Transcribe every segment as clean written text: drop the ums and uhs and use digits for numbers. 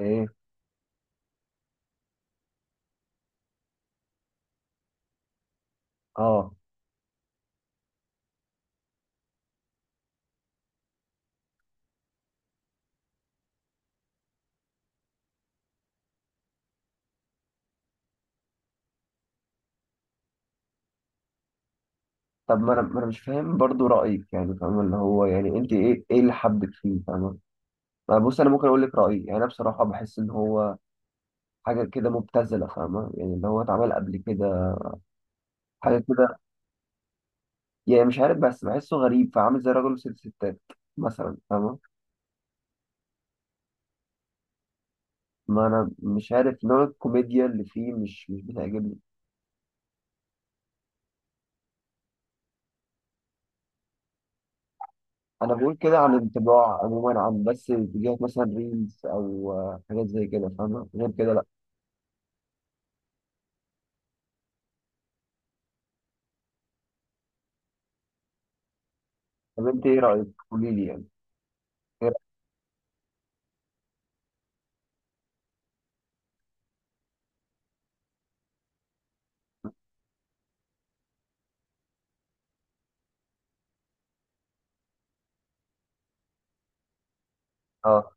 ايه. اه. طب ما انا مش فاهم برضو رايك، يعني فاهم اللي هو، يعني انت ايه اللي حبك فيه فاهمه؟ ما بص، انا ممكن اقول لك رايي. يعني انا بصراحه بحس ان هو حاجه كده مبتذله، فاهمه؟ يعني اللي هو اتعمل قبل كده حاجه كده. يعني مش عارف، بس بحسه غريب، فعامل زي راجل وست ستات مثلا، فاهمه. ما انا مش عارف نوع الكوميديا اللي فيه مش بتعجبني. انا بقول كده عن انطباع عموما، عن بس فيديوهات مثلا، ريلز او حاجات زي كده فاهمه، غير كده لا. طب انت ايه رايك؟ قولي لي يعني. إيه رأيك؟ آه.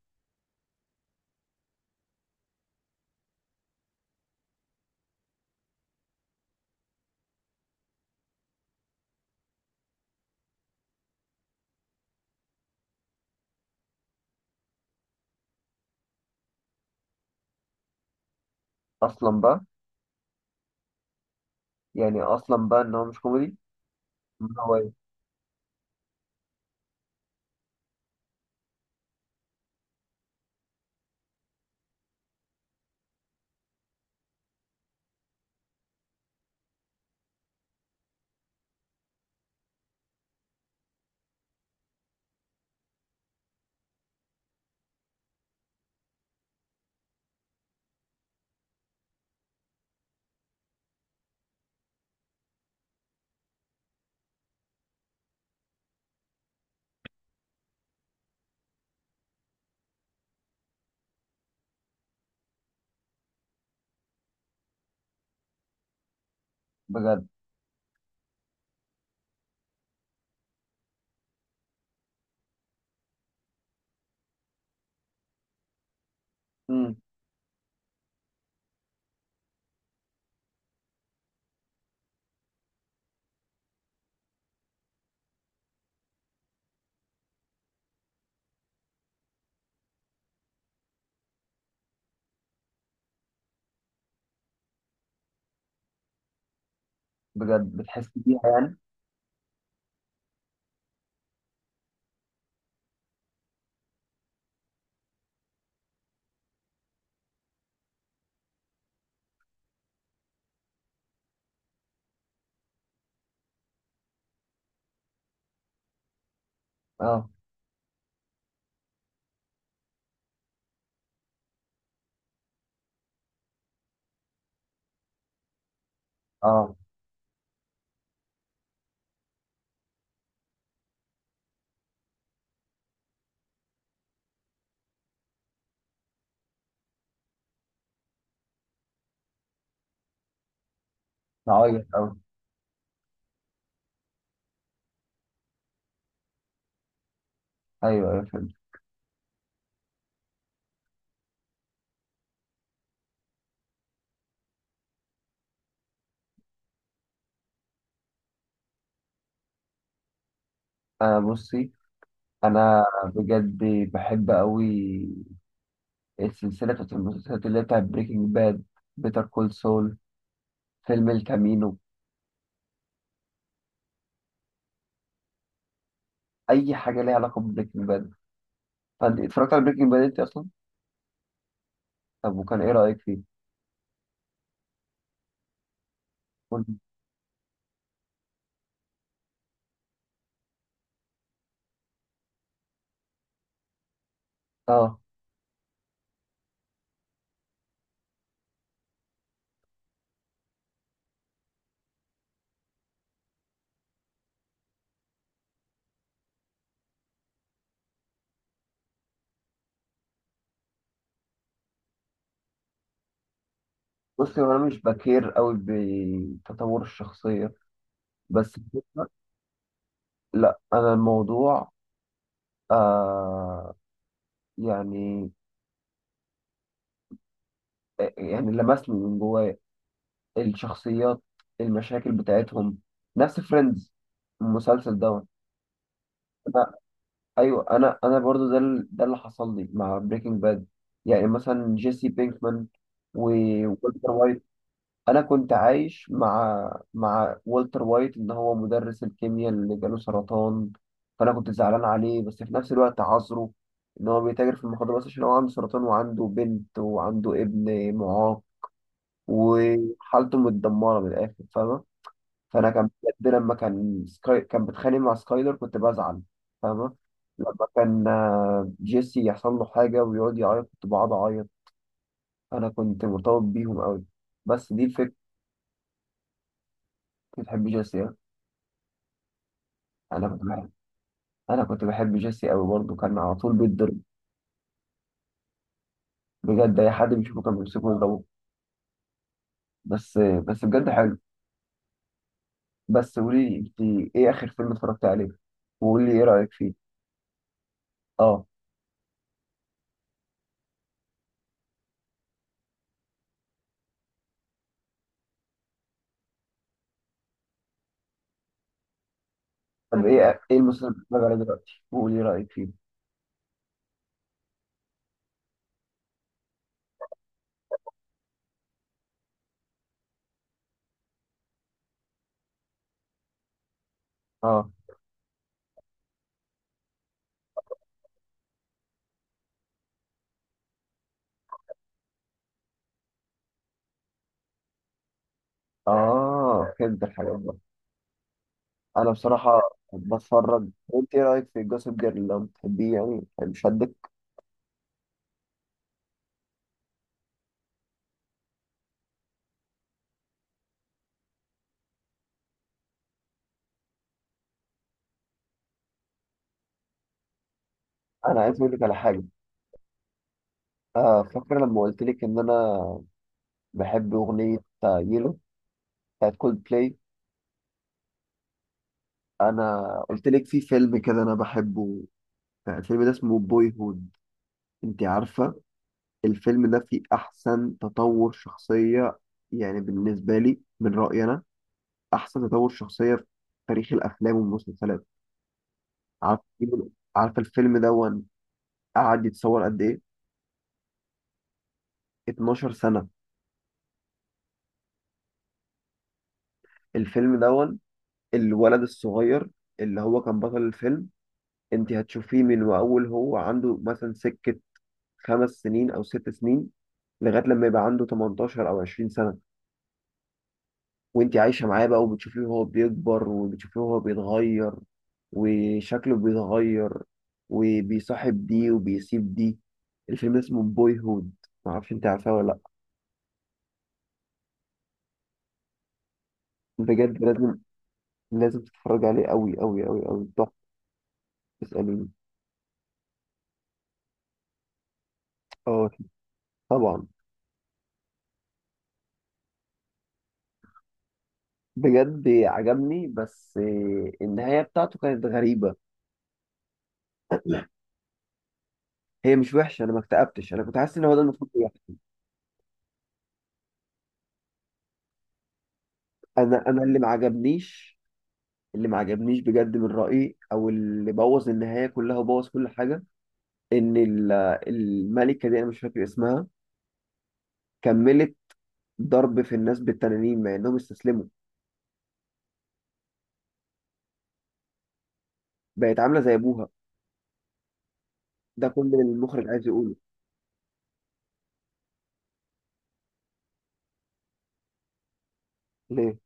اصلا بقى. يعني اصلا بقى ان هو مش كوميدي. إن هو إيه؟ بجد؟ امم. بجد بتحس بيها يعني. اه. اه. بعيط اوي. ايوه، ايوه فهمت. انا بصي. انا بجد بحب اوي السلسله بتاعت المسلسلات، اللي هي بتاعت بريكنج باد، بيتر كول سول، فيلم الكامينو. اي حاجه ليها علاقه ببريكنج باد. فانت اتفرجت على بريكنج باد انت اصلا؟ طب وكان ايه رايك فيه؟ قول- اه. بصي، هو انا مش بكير قوي بتطور الشخصيه، بس لا، انا الموضوع آه، يعني، يعني لمسني من جوايا، الشخصيات، المشاكل بتاعتهم، نفس فريندز المسلسل دوت. انا، ايوه انا، برضو ده ده اللي حصل لي مع بريكنج باد. يعني مثلا جيسي بينكمان، و... وولتر وايت. انا كنت عايش مع والتر وايت، ان هو مدرس الكيمياء اللي جاله سرطان، فانا كنت زعلان عليه، بس في نفس الوقت عذره، ان هو بيتاجر في المخدرات بس عشان هو عنده سرطان وعنده بنت وعنده ابن معاق، وحالته متدمره من الاخر، فاهمه؟ فانا كان، بجد لما كان سكاي، كان بيتخانق مع سكايلر كنت بزعل، فاهمه؟ لما كان جيسي يحصل له حاجه ويقعد يعيط كنت بقعد اعيط. انا كنت مرتبط بيهم قوي، بس دي الفكره. بتحب جيسي. انا كنت بحب انا كنت بحب جيسي قوي برضه، كان على طول بيتضرب. بجد اي حد بيشوفه كان بيمسكه يضربه. بس، بس بجد حلو. بس قولي لي انت، ايه اخر فيلم اتفرجت عليه؟ وقولي لي ايه رايك فيه. اه. طب أنا، ايه المسلسل اللي بتتفرج عليه دلوقتي؟ وقولي لي رايك فيه. اه. اه فهمت الحاجات بقى. انا بصراحه بتفرج. انت ايه رايك في جوسب جيرل لو بتحبيه؟ يعني شدك؟ انا عايز اقول لك على حاجه. آه، فاكره لما قلت لك ان انا بحب اغنيه يلو بتاعت كولد بلاي؟ انا قلت لك في فيلم كده انا بحبه، الفيلم ده اسمه بوي هود. انت عارفه الفيلم ده فيه احسن تطور شخصيه، يعني بالنسبه لي من رايي انا، احسن تطور شخصيه في تاريخ الافلام والمسلسلات. عارف، عارف الفيلم دون قعد يتصور قد ايه؟ 12 سنه. الفيلم دون الولد الصغير اللي هو كان بطل الفيلم، انت هتشوفيه من واول هو عنده مثلا سكه خمس سنين او ست سنين، لغايه لما يبقى عنده 18 او 20 سنه. وانت عايشه معاه بقى، وبتشوفيه وهو بيكبر، وبتشوفيه وهو بيتغير، وشكله بيتغير، وبيصاحب دي وبيسيب دي. الفيلم اسمه بوي هود، معرفش انت عارفاه ولا لا. بجد لازم، لازم تتفرج عليه، قوي قوي قوي قوي، تحفه. اساليني. اه. طبعا. بجد عجبني، بس النهايه بتاعته كانت غريبه. هي مش وحشه، انا ما اكتئبتش، انا كنت حاسس ان هو ده المفروض يحصل. انا اللي ما عجبنيش، بجد من رأيي، او اللي بوظ النهاية كلها وبوظ كل حاجة، ان الملكة دي، انا مش فاكر اسمها، كملت ضرب في الناس بالتنانين مع انهم استسلموا، بقت عاملة زي ابوها، ده كل اللي المخرج عايز يقوله. ليه؟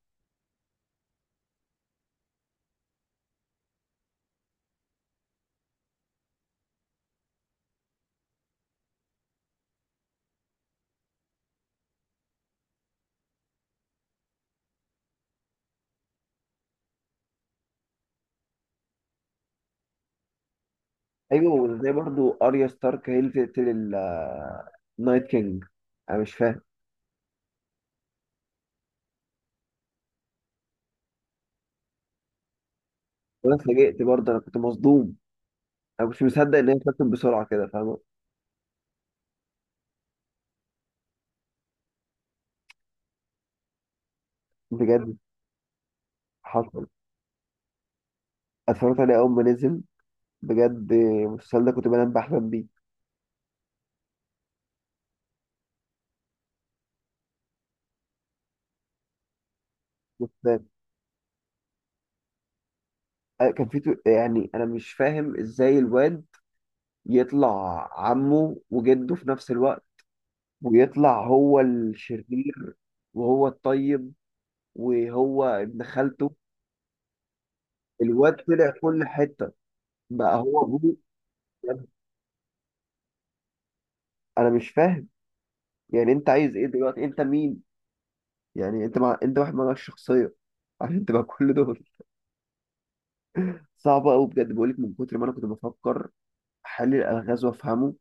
ايوه، زي برضو اريا ستارك هي اللي تقتل النايت كينج، انا مش فاهم. وانا اتفاجئت برضه، انا كنت مصدوم، انا مش مصدق ان هي اتكتب بسرعة كده، فاهمة؟ بجد. حصل. اتفرجت عليه اول ما نزل، بجد المسلسل ده كنت بنام بحلم بيه. كان في يعني انا مش فاهم ازاي الواد يطلع عمه وجده في نفس الوقت، ويطلع هو الشرير وهو الطيب وهو ابن خالته. الواد طلع كل حتة، بقى هو ابوه. انا مش فاهم، يعني انت عايز ايه دلوقتي؟ انت مين؟ يعني انت مع... انت واحد مالكش شخصية عشان تبقى كل دول. صعبة قوي بجد، بقولك من كتر ما انا كنت بفكر حل الالغاز وافهمه،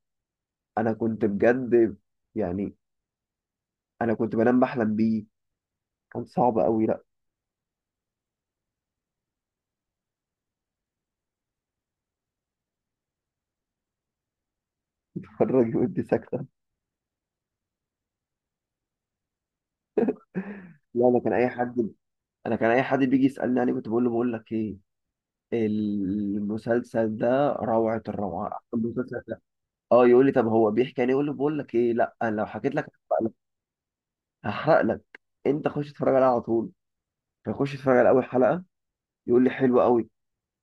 انا كنت بجد، يعني انا كنت بنام بحلم بيه، كان صعب قوي. لا. اتفرج ودي ساكته. لا، انا كان اي حد، انا كان اي حد بيجي يسالني عليه كنت بقول له، بقول لك ايه، المسلسل ده روعه الروعه، احسن مسلسل ده. اه، يقول لي طب هو بيحكي يعني، يقول له بقول لك ايه، لا انا لو حكيت لك هحرق لك، هحرق لك. انت خش اتفرج عليها على طول. فيخش يتفرج على اول حلقه، يقول لي حلو قوي،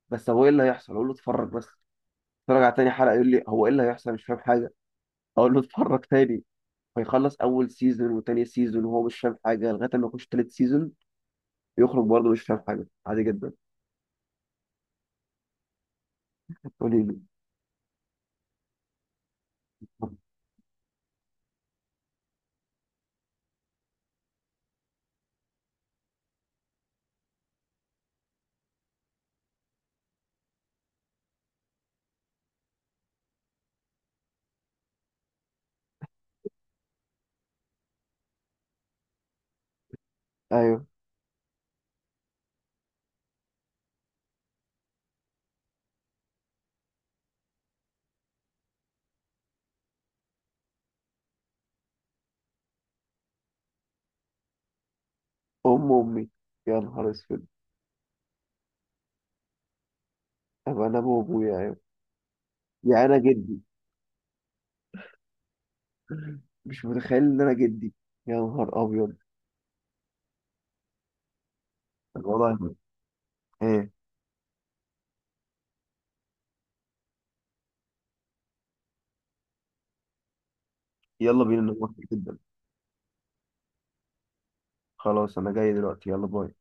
بس هو ايه اللي هيحصل؟ اقول له اتفرج بس. اتفرج على تاني حلقه، يقول لي هو ايه اللي هيحصل مش فاهم حاجه، اقول له اتفرج تاني. فيخلص اول سيزون وتاني سيزون وهو مش فاهم حاجه، لغايه ما يخش تالت سيزون، يخرج برضه مش فاهم حاجة، عادي جدا. قولي لي. أيوه. أم أمي؟ يا نهار أسود. أبقى أنا أبو أبويا؟ أيوه، يا أنا جدي. مش متخيل إن أنا جدي. يا نهار أبيض الوضع. إيه؟ يلا بينا نروح، جدا. خلاص أنا جاي دلوقتي، يلا باي.